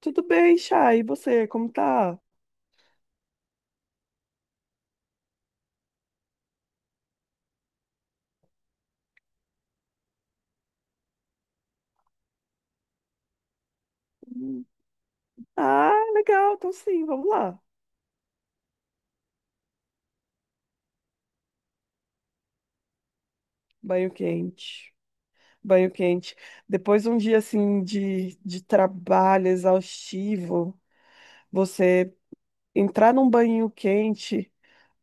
Tudo bem, Chay? E você, como tá? Hum. Ah, legal, então sim, vamos lá. Banho quente. Banho quente. Depois de um dia assim de trabalho exaustivo, você entrar num banho quente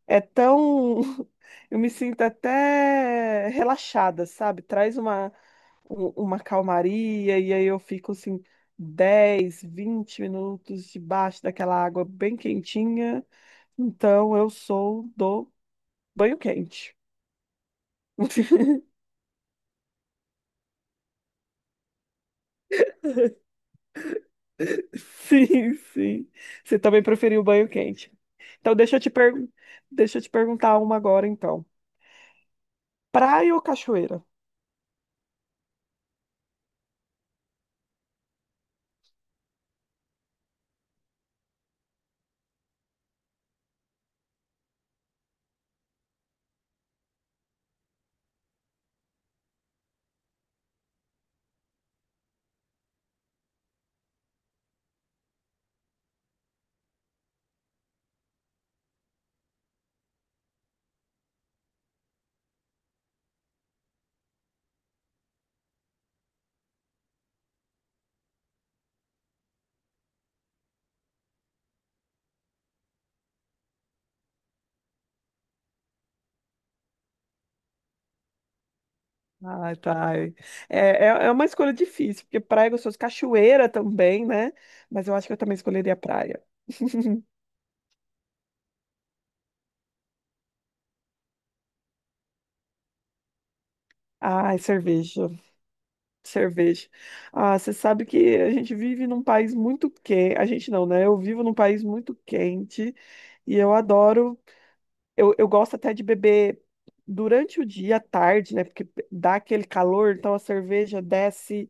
é tão. Eu me sinto até relaxada, sabe? Traz uma calmaria e aí eu fico assim 10 20 minutos debaixo daquela água bem quentinha. Então eu sou do banho quente. Sim, sim. Você também preferiu banho quente. Então, deixa eu te perguntar uma agora, então. Praia ou cachoeira? Ah, tá. É, é uma escolha difícil, porque praia é gostoso, cachoeira também, né? Mas eu acho que eu também escolheria praia. Ai, cerveja. Ah, você sabe que a gente vive num país muito quente. A gente não, né? Eu vivo num país muito quente e eu adoro. Eu gosto até de beber durante o dia, à tarde, né? Porque dá aquele calor, então a cerveja desce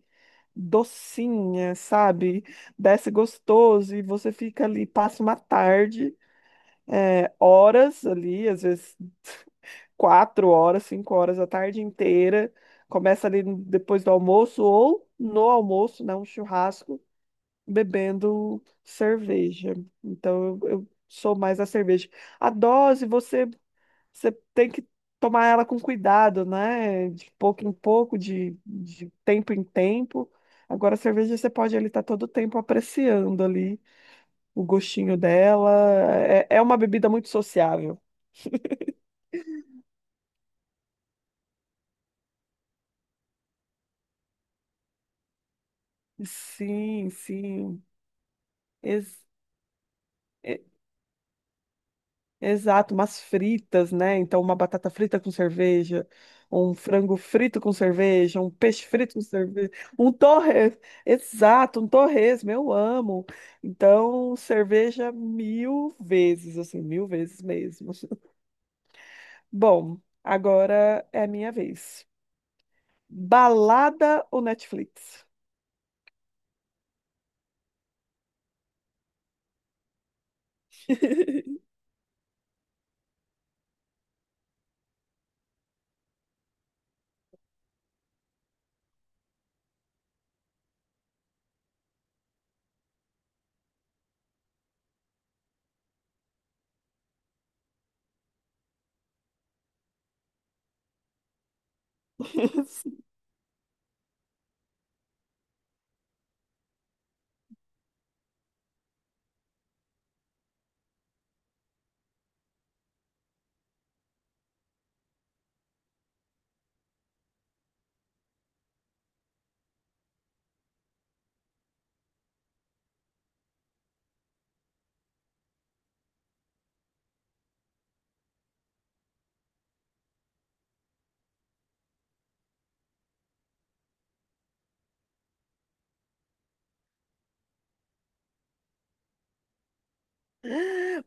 docinha, sabe? Desce gostoso e você fica ali, passa uma tarde, é, horas ali, às vezes 4 horas, 5 horas, a tarde inteira. Começa ali depois do almoço ou no almoço, né? Um churrasco, bebendo cerveja. Então eu sou mais a cerveja. A dose, você tem que tomar ela com cuidado, né? De pouco em pouco, de tempo em tempo. Agora, a cerveja você pode ali estar todo o tempo apreciando ali o gostinho dela. É, é uma bebida muito sociável. Sim, sim. Ex- Exato, umas fritas, né? Então, uma batata frita com cerveja, um frango frito com cerveja, um peixe frito com cerveja, um torres, exato, um torresmo, eu amo. Então, cerveja mil vezes, assim, mil vezes mesmo. Bom, agora é a minha vez. Balada ou Netflix?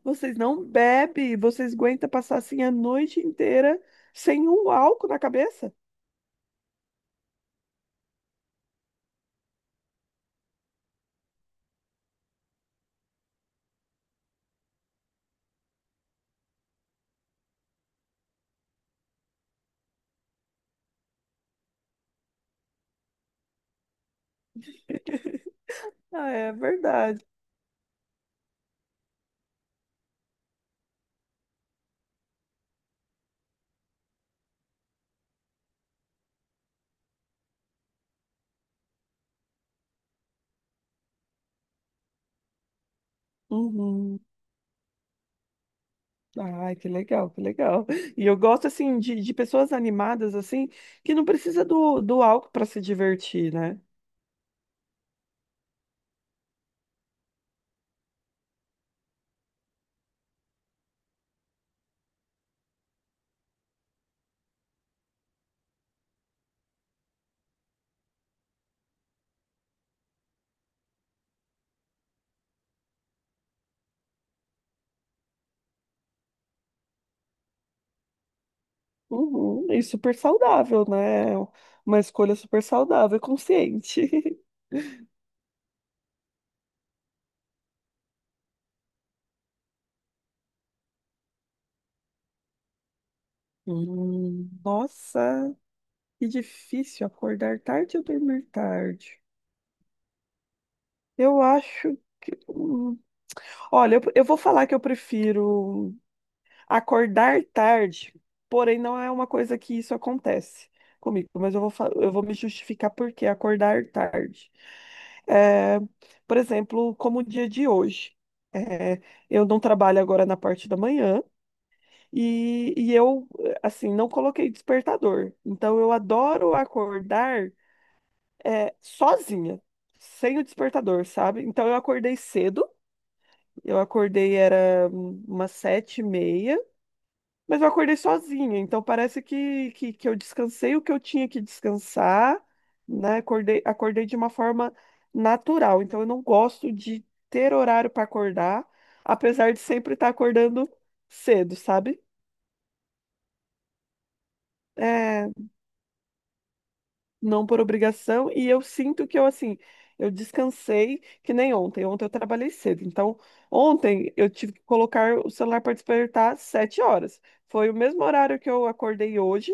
Vocês não bebem, vocês aguentam passar assim a noite inteira sem um álcool na cabeça? Ah, é verdade. Uhum. Ai, que legal, que legal. E eu gosto, assim, de pessoas animadas, assim, que não precisa do álcool para se divertir, né? Uhum. E super saudável, né? Uma escolha super saudável e consciente. Nossa, que difícil acordar tarde ou dormir tarde. Eu acho que. Olha, eu vou falar que eu prefiro. Acordar tarde, porém não é uma coisa que isso acontece comigo, mas eu vou me justificar por que acordar tarde. É, por exemplo, como o dia de hoje. É, eu não trabalho agora na parte da manhã e eu, assim, não coloquei despertador. Então, eu adoro acordar, é, sozinha, sem o despertador, sabe? Então, eu acordei cedo, eu acordei, era umas 7 e meia, mas eu acordei sozinha, então parece que eu descansei o que eu tinha que descansar, né? Acordei de uma forma natural. Então eu não gosto de ter horário para acordar, apesar de sempre estar acordando cedo, sabe? É, não por obrigação, e eu sinto que eu, assim, eu descansei que nem ontem. Ontem eu trabalhei cedo, então ontem eu tive que colocar o celular para despertar às 7 horas. Foi o mesmo horário que eu acordei hoje,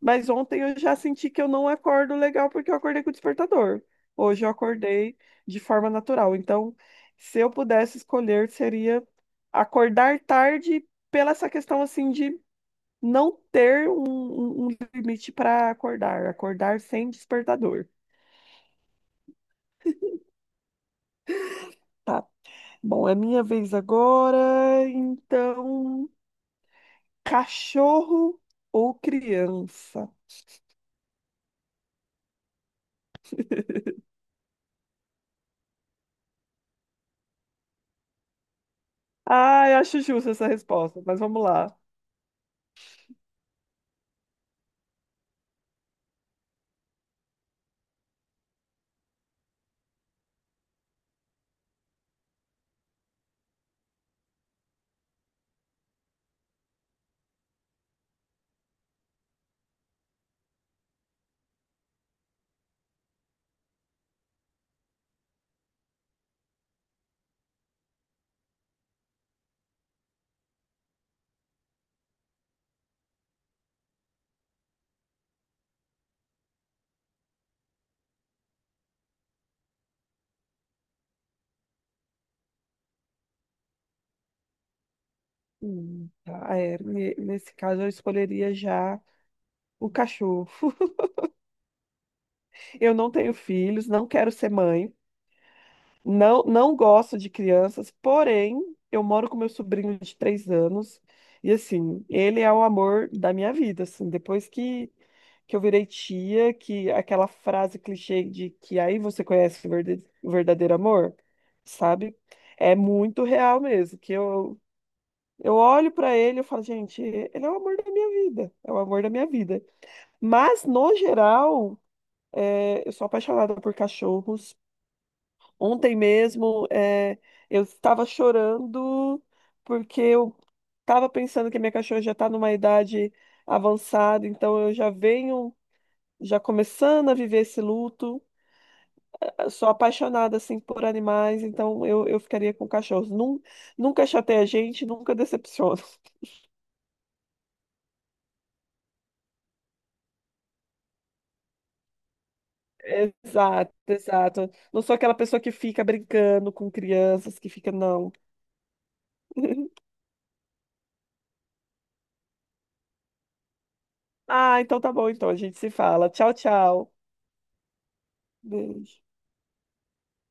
mas ontem eu já senti que eu não acordo legal porque eu acordei com o despertador. Hoje eu acordei de forma natural. Então, se eu pudesse escolher, seria acordar tarde pela essa questão, assim, de não ter um limite para acordar, acordar sem despertador. Tá. Bom, é minha vez agora. Então, cachorro ou criança? Ah, eu acho justa essa resposta, mas vamos lá. Tá, é, nesse caso, eu escolheria já o cachorro. Eu não tenho filhos, não quero ser mãe. Não, não gosto de crianças, porém, eu moro com meu sobrinho de 3 anos e, assim, ele é o amor da minha vida, assim, depois que eu virei tia, que aquela frase clichê de que aí você conhece o o verdadeiro amor, sabe? É muito real mesmo, que eu olho pra ele e eu falo, gente, ele é o amor da minha vida, é o amor da minha vida. Mas, no geral, é, eu sou apaixonada por cachorros. Ontem mesmo, é, eu estava chorando porque eu estava pensando que a minha cachorra já está numa idade avançada, então eu já venho, já começando a viver esse luto. Eu sou apaixonada assim por animais, então eu ficaria com cachorros. Nunca chateia a gente, nunca decepciona. Exato, exato. Não sou aquela pessoa que fica brincando com crianças, que fica, não. Ah, então tá bom, então a gente se fala. Tchau, tchau. Beijo.